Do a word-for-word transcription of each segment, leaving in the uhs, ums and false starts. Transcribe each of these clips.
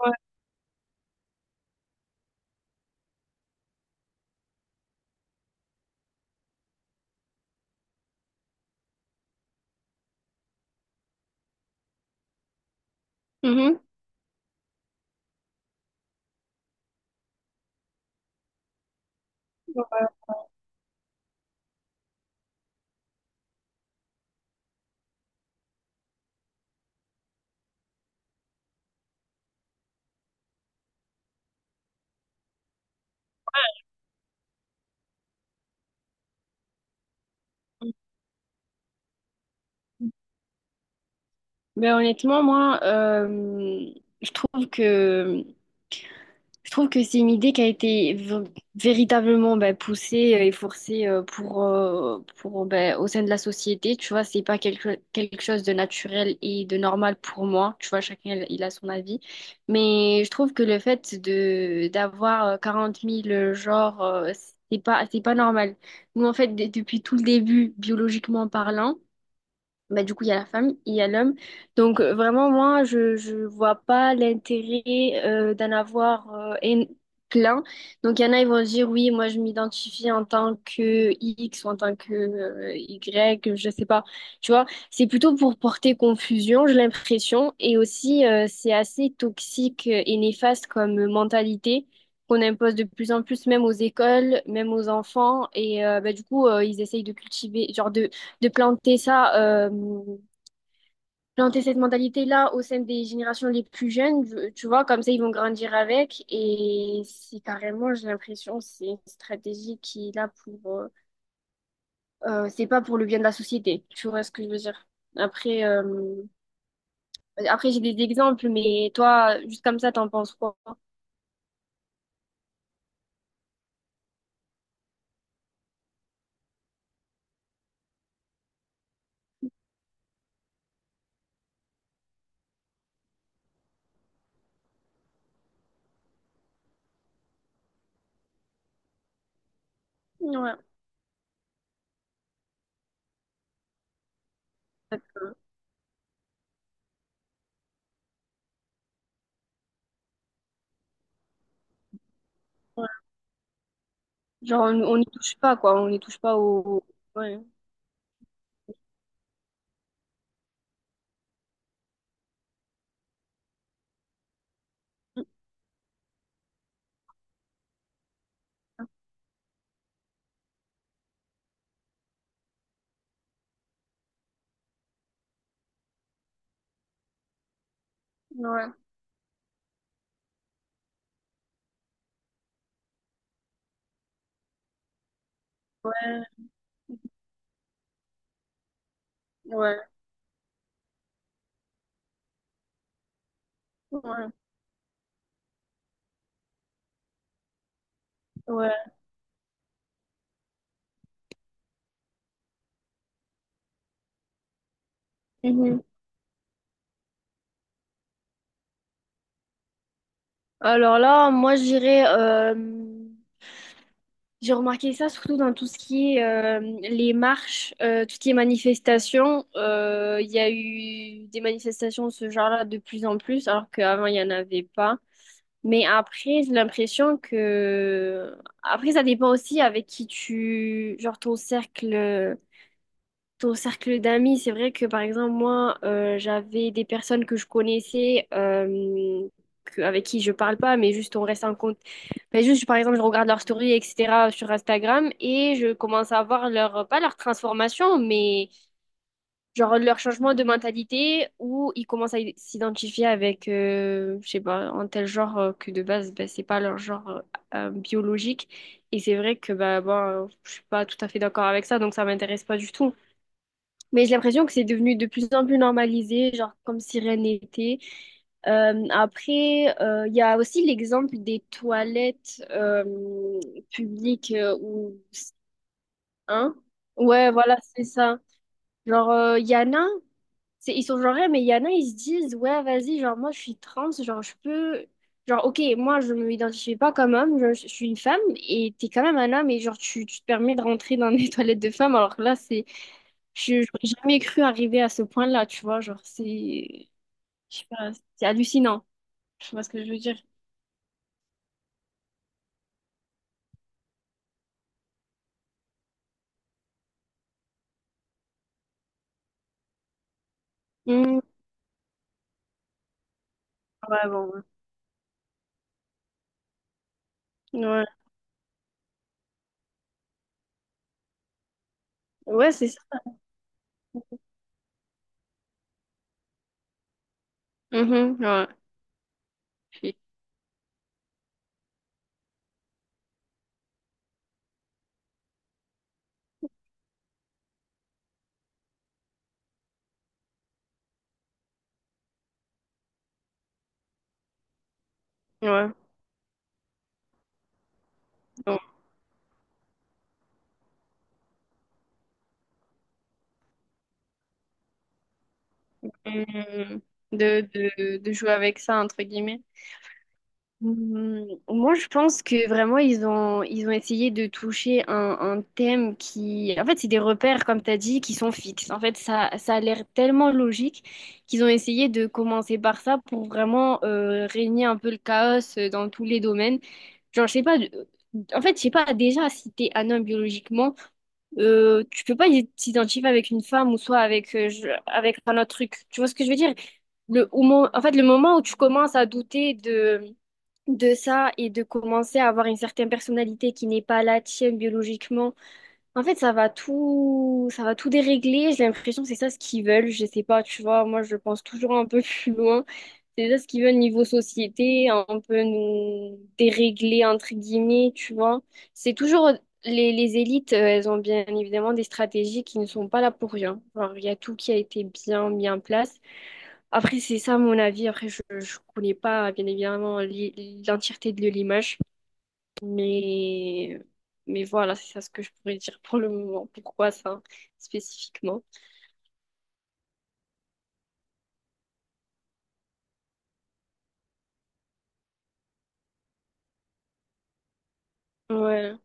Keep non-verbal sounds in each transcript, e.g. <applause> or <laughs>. Ouais. Mhm. Ouais. Mhm. Mais honnêtement, moi, euh, je trouve que je trouve que c'est une idée qui a été v- véritablement ben, poussée et forcée euh, pour, euh, pour ben, au sein de la société. Tu vois, c'est pas quelque, quelque chose de naturel et de normal pour moi. Tu vois, chacun il a son avis. Mais je trouve que le fait de d'avoir euh, quarante mille genres, euh, c'est pas c'est pas normal. Nous, en fait, d- depuis tout le début, biologiquement parlant. Bah, du coup, il y a la femme et il y a l'homme. Donc, euh, vraiment, moi, je je vois pas l'intérêt euh, d'en avoir euh, un- plein. Donc, il y en a, ils vont se dire, oui, moi, je m'identifie en tant que X ou en tant que euh, Y, je sais pas. Tu vois, c'est plutôt pour porter confusion, j'ai l'impression. Et aussi, euh, c'est assez toxique et néfaste comme mentalité qu'on impose de plus en plus, même aux écoles, même aux enfants. Et euh, bah, du coup, euh, ils essayent de cultiver, genre de de planter ça, euh, planter cette mentalité-là au sein des générations les plus jeunes, tu tu vois, comme ça ils vont grandir avec. Et c'est carrément, j'ai l'impression, c'est une stratégie qui est là pour, euh, euh, c'est pas pour le bien de la société. Tu vois ce que je veux dire? Après, euh, après j'ai des exemples, mais toi, juste comme ça, t'en penses quoi? Ouais. Ouais. Genre, on on n'y touche pas, quoi. On n'y touche pas au. Ouais. Ouais. Ouais. Ouais. Ouais. Ouais. Mhm. Alors là, moi, je dirais, euh, j'ai remarqué ça surtout dans tout ce qui est euh, les marches, euh, tout ce qui est manifestations. Euh, Il y a eu des manifestations de ce genre-là de plus en plus, alors qu'avant, il n'y en avait pas. Mais après, j'ai l'impression que... Après, ça dépend aussi avec qui tu... Genre ton cercle. euh, ton cercle d'amis, c'est vrai que par exemple, moi, euh, j'avais des personnes que je connaissais, euh, que- avec qui je parle pas, mais juste on reste en compte. Mais juste, par exemple, je regarde leurs stories, et cetera, sur Instagram et je commence à voir leur, pas leur transformation, mais genre leur changement de mentalité où ils commencent à i- s'identifier avec, euh, je sais pas, un tel genre euh, que de base, ben, c'est pas leur genre euh, euh, biologique. Et c'est vrai que, bah, bon, euh, je suis pas tout à fait d'accord avec ça, donc ça m'intéresse pas du tout. Mais j'ai l'impression que c'est devenu de plus en plus normalisé, genre comme si rien n'était. Euh, après, euh, il y a aussi l'exemple des toilettes euh, publiques euh, ou hein? Ouais, voilà, c'est ça. Genre, euh, il y en a, c'est, ils sont genre, ouais, mais il y en a, ils se disent, ouais, vas-y, genre, moi, je suis trans, genre, je peux... Genre, ok, moi, je ne m'identifie pas comme homme, je, je suis une femme, et t'es quand même un homme, et genre, tu, tu te permets de rentrer dans des <laughs> toilettes de femmes, alors que là, c'est... Je n'aurais jamais cru arriver à ce point-là, tu vois. Genre, c'est. Je sais pas, c'est hallucinant. Je sais pas ce que je veux dire. Mmh, ouais, bon, ouais. Ouais, ouais, c'est ça. Mhm, ouais. Puis- ouais. Bon. Mmh, De, de, de jouer avec ça, entre guillemets. Hmm, moi, je pense que vraiment, ils ont, ils ont essayé de toucher un, un thème qui... En fait, c'est des repères, comme tu as dit, qui sont fixes. En fait, ça, ça a l'air tellement logique qu'ils ont essayé de commencer par ça pour vraiment euh, régner un peu le chaos euh, dans tous les domaines. Genre, je sais pas... euh, En fait, je sais pas, déjà, si t'es un homme biologiquement, euh, tu peux pas y- t'identifier avec une femme ou soit avec, euh, je- avec un autre truc. Tu vois ce que je veux dire? Le, au mo- en fait, le moment où tu commences à douter de ça et de commencer à avoir une certaine personnalité qui n'est pas la tienne biologiquement. En fait, ça va tout, ça va tout dérégler. J'ai l'impression que c'est ça ce qu'ils veulent. Je sais pas, tu vois, moi je pense toujours un peu <laughs> plus loin. C'est ça ce qu'ils veulent niveau société, un peu nous dérégler entre guillemets, tu vois. C'est toujours les, les élites, euh, elles ont bien évidemment des stratégies qui ne sont pas là pour rien. Genre, il y a tout qui a été bien mis en place. Après, c'est ça mon avis. Après, je ne connais pas, bien évidemment, l'i- l'entièreté de l'image. Mais, mais voilà, c'est ça ce que je pourrais dire pour le moment. Pourquoi ça, spécifiquement? Ouais.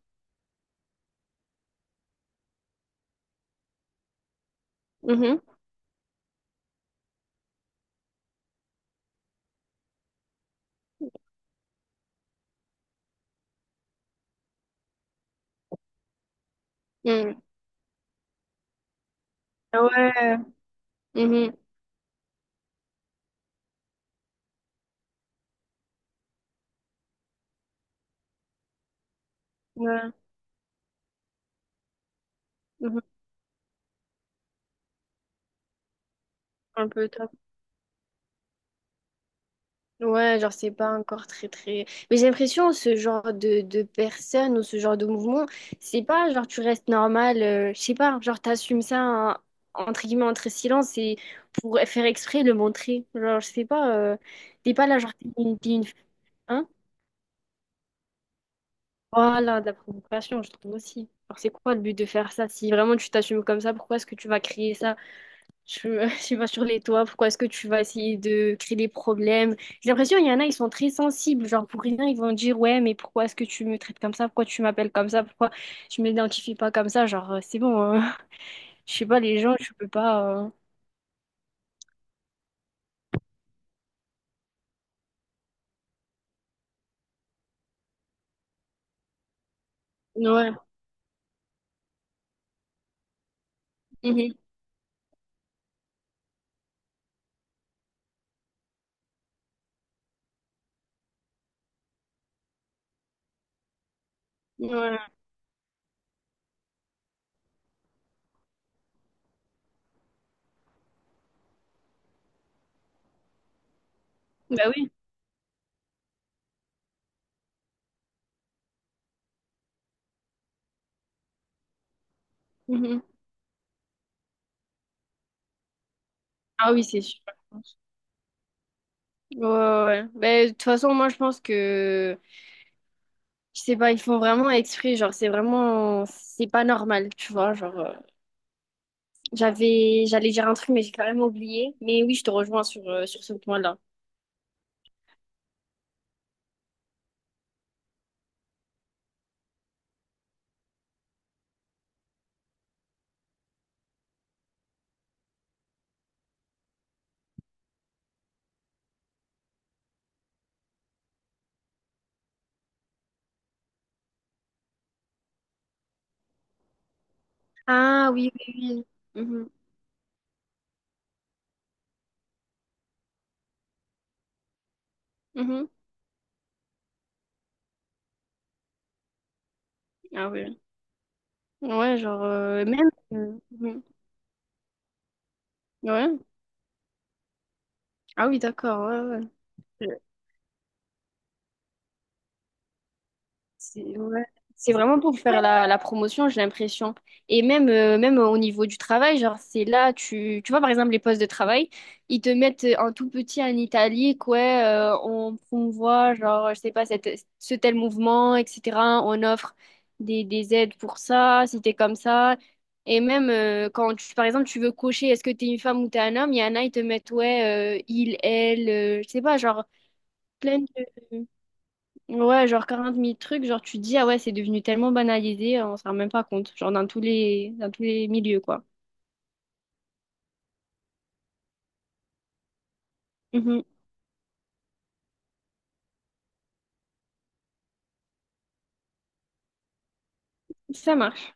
Mhm. Mm. Ah, ouais. Mhm. Ouais. Mhm. Un peu. Ouais, genre, c'est pas encore très, très... Mais j'ai l'impression, ce genre de, de personnes ou ce genre de mouvement, c'est pas genre, tu restes normal, euh, je sais pas, genre, t'assumes ça, hein, entre guillemets, entre silence et pour faire exprès, le montrer. Genre, je sais pas, euh, t'es pas là, genre, t'es une, t'es une- hein? Voilà, de la provocation, je trouve aussi. Alors, c'est quoi le but de faire ça? Si vraiment tu t'assumes comme ça, pourquoi est-ce que tu vas créer ça? Je, <laughs> je sais pas <laughs> sur les toits, pourquoi est-ce que tu vas essayer de créer des problèmes? J'ai l'impression il y en a, ils sont très sensibles, genre pour rien, ils vont dire ouais, mais pourquoi est-ce que tu me traites comme ça? Pourquoi tu m'appelles comme ça? Pourquoi je m'identifie pas comme ça? Genre euh, c'est bon, hein. <laughs> Je sais pas les gens, tu peux pas. euh, Ouais. Mhm. Ouais. Bah oui. Mhm. Ah oui, c'est sûr. Ouais, ouais, ouais. Ben, de toute façon, moi, je pense que, je sais pas, ils font vraiment exprès, genre, c'est vraiment, c'est pas normal, tu vois, genre. J'avais, j'allais dire un truc, mais j'ai carrément oublié. Mais oui, je te rejoins sur, euh, sur ce point-là. Ah oui, oui, oui. Mhm, mhm. Ah oui. Ouais, genre, euh, même. euh, mhm. Ouais. Ah oui, d'accord, ouais, ouais. C'est ouais. C'est vraiment pour faire la, la promotion, j'ai l'impression. Et même, euh, même au niveau du travail, genre, c'est là, tu, tu vois, par exemple, les postes de travail, ils te mettent un tout petit en italique, ouais, euh, on promouvoit, genre, je sais pas, cette, ce tel mouvement, et cetera. On offre des, des aides pour ça, si t'es comme ça. Et même euh, quand, tu, par exemple, tu veux cocher, est-ce que t'es une femme ou t'es un homme, il y en a, ils te mettent, ouais, euh, il, elle, euh, je sais pas, genre, plein de... Ouais, genre quarante mille trucs, genre tu te dis, ah ouais, c'est devenu tellement banalisé, on s'en rend même pas compte, genre dans tous les, dans tous les milieux, quoi. Mhm. Ça marche.